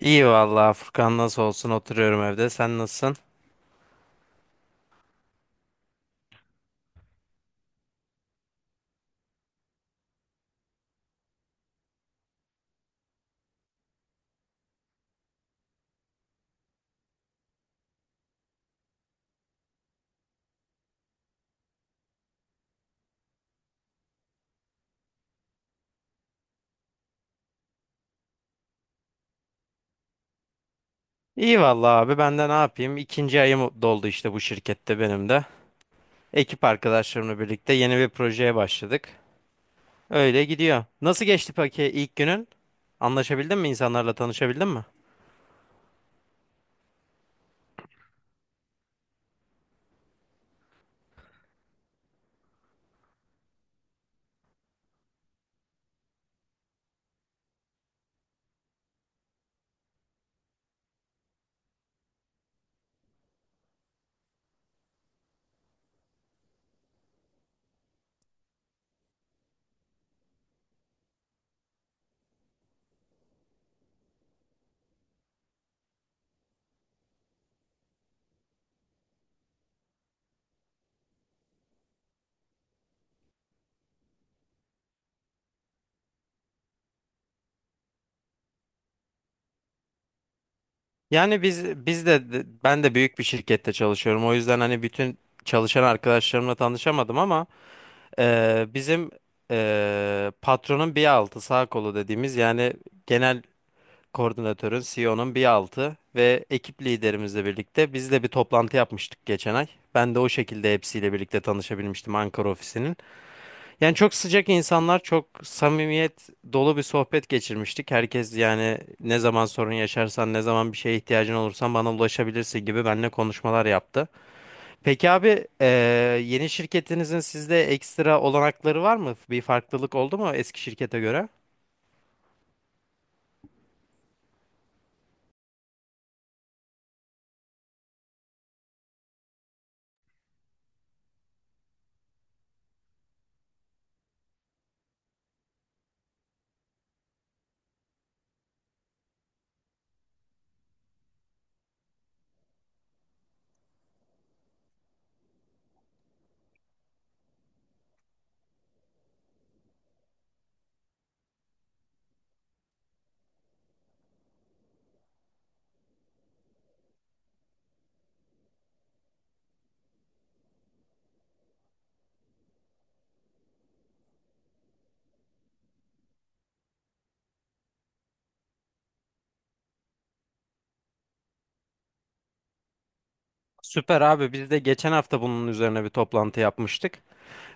İyi vallahi Furkan nasıl olsun oturuyorum evde. Sen nasılsın? İyi vallahi abi ben de ne yapayım? İkinci ayım doldu işte bu şirkette benim de. Ekip arkadaşlarımla birlikte yeni bir projeye başladık. Öyle gidiyor. Nasıl geçti peki ilk günün? Anlaşabildin mi insanlarla tanışabildin mi? Yani biz de ben de büyük bir şirkette çalışıyorum. O yüzden hani bütün çalışan arkadaşlarımla tanışamadım ama bizim patronun bir altı sağ kolu dediğimiz yani genel koordinatörün, CEO'nun bir altı ve ekip liderimizle birlikte biz de bir toplantı yapmıştık geçen ay. Ben de o şekilde hepsiyle birlikte tanışabilmiştim Ankara ofisinin. Yani çok sıcak insanlar, çok samimiyet dolu bir sohbet geçirmiştik. Herkes yani ne zaman sorun yaşarsan, ne zaman bir şeye ihtiyacın olursan bana ulaşabilirsin gibi benimle konuşmalar yaptı. Peki abi, yeni şirketinizin sizde ekstra olanakları var mı? Bir farklılık oldu mu eski şirkete göre? Süper abi, biz de geçen hafta bunun üzerine bir toplantı yapmıştık.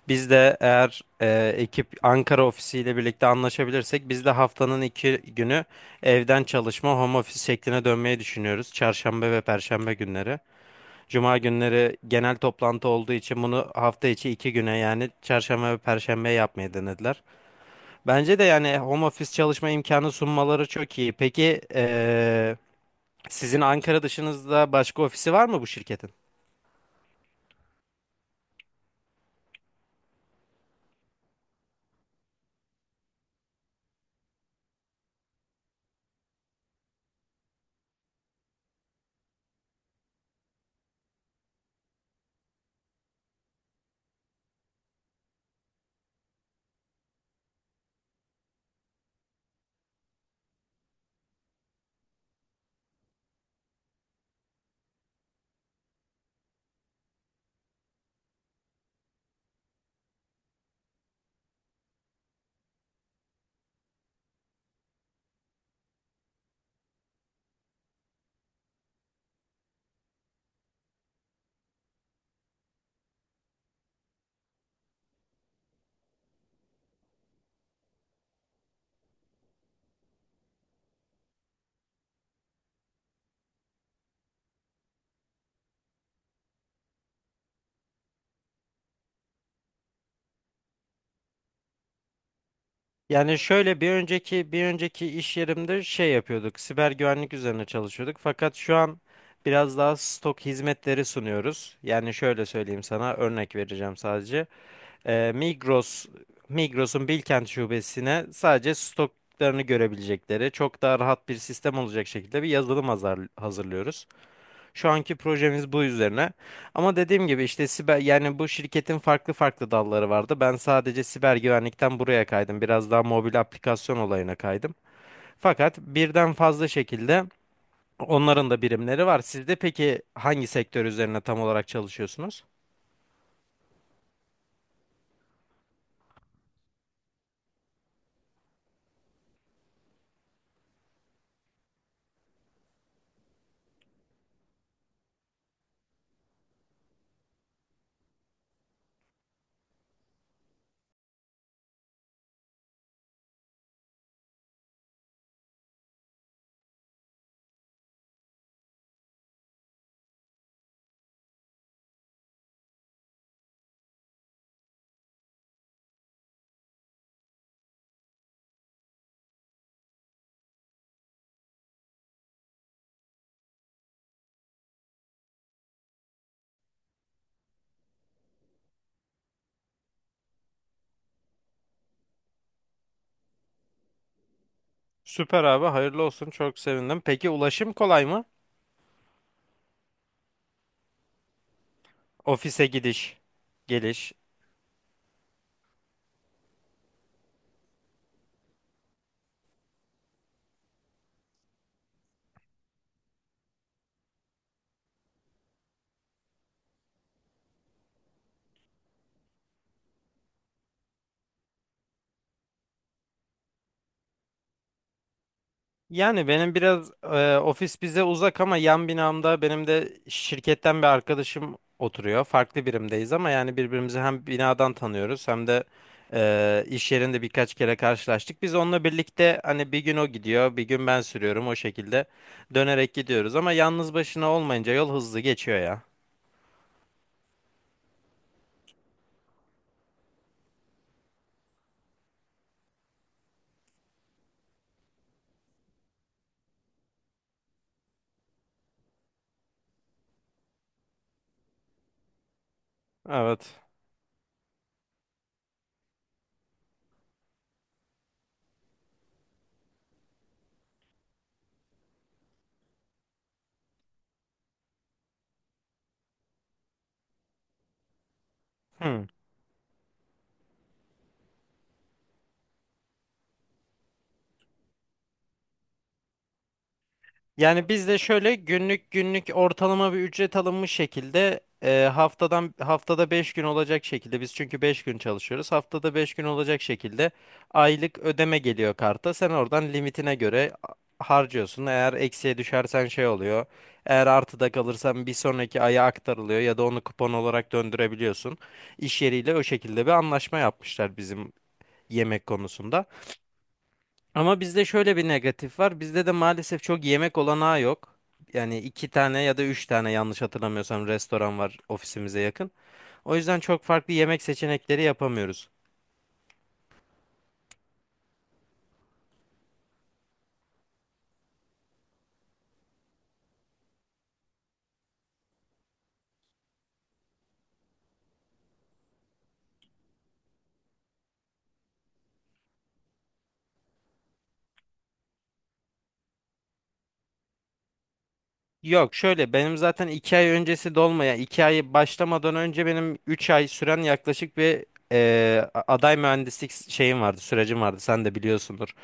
Biz de eğer ekip Ankara ofisiyle birlikte anlaşabilirsek biz de haftanın iki günü evden çalışma home office şekline dönmeyi düşünüyoruz. Çarşamba ve Perşembe günleri. Cuma günleri genel toplantı olduğu için bunu hafta içi iki güne yani Çarşamba ve Perşembe yapmayı denediler. Bence de yani home office çalışma imkanı sunmaları çok iyi. Peki sizin Ankara dışınızda başka ofisi var mı bu şirketin? Yani şöyle bir önceki iş yerimde şey yapıyorduk. Siber güvenlik üzerine çalışıyorduk. Fakat şu an biraz daha stok hizmetleri sunuyoruz. Yani şöyle söyleyeyim sana, örnek vereceğim sadece. Ee, Migros Migros'un Bilkent şubesine sadece stoklarını görebilecekleri çok daha rahat bir sistem olacak şekilde bir yazılım hazırlıyoruz. Şu anki projemiz bu üzerine. Ama dediğim gibi işte siber, yani bu şirketin farklı farklı dalları vardı. Ben sadece siber güvenlikten buraya kaydım. Biraz daha mobil aplikasyon olayına kaydım. Fakat birden fazla şekilde onların da birimleri var. Siz de peki hangi sektör üzerine tam olarak çalışıyorsunuz? Süper abi, hayırlı olsun. Çok sevindim. Peki ulaşım kolay mı? Ofise gidiş, geliş. Yani benim biraz ofis bize uzak ama yan binamda benim de şirketten bir arkadaşım oturuyor. Farklı birimdeyiz ama yani birbirimizi hem binadan tanıyoruz hem de iş yerinde birkaç kere karşılaştık. Biz onunla birlikte hani bir gün o gidiyor, bir gün ben sürüyorum, o şekilde dönerek gidiyoruz. Ama yalnız başına olmayınca yol hızlı geçiyor ya. Evet. Hmm. Yani biz de şöyle günlük ortalama bir ücret alınmış şekilde haftadan haftada 5 gün olacak şekilde, biz çünkü 5 gün çalışıyoruz. Haftada 5 gün olacak şekilde aylık ödeme geliyor karta. Sen oradan limitine göre harcıyorsun. Eğer eksiye düşersen şey oluyor. Eğer artıda kalırsan bir sonraki aya aktarılıyor ya da onu kupon olarak döndürebiliyorsun. İş yeriyle o şekilde bir anlaşma yapmışlar bizim yemek konusunda. Ama bizde şöyle bir negatif var. Bizde de maalesef çok yemek olanağı yok. Yani iki tane ya da üç tane, yanlış hatırlamıyorsam, restoran var ofisimize yakın. O yüzden çok farklı yemek seçenekleri yapamıyoruz. Yok, şöyle, benim zaten iki ay öncesi dolmaya, iki ay başlamadan önce benim üç ay süren yaklaşık bir aday mühendislik şeyim vardı, sürecim vardı, sen de biliyorsundur.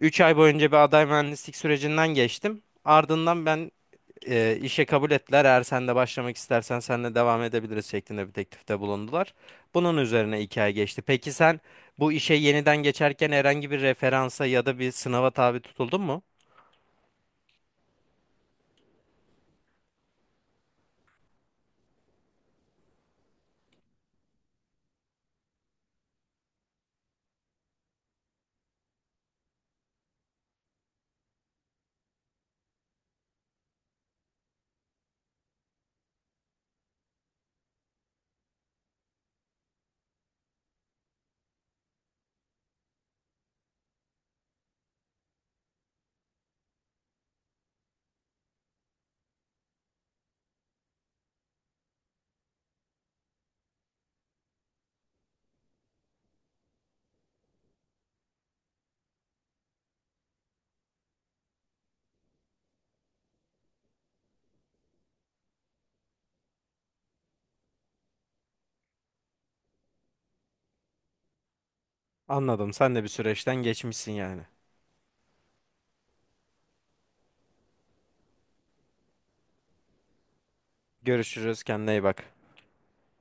Üç ay boyunca bir aday mühendislik sürecinden geçtim. Ardından ben işe kabul ettiler. Eğer sen de başlamak istersen senle devam edebiliriz şeklinde bir teklifte bulundular. Bunun üzerine iki ay geçti. Peki sen bu işe yeniden geçerken herhangi bir referansa ya da bir sınava tabi tutuldun mu? Anladım. Sen de bir süreçten geçmişsin yani. Görüşürüz. Kendine iyi bak.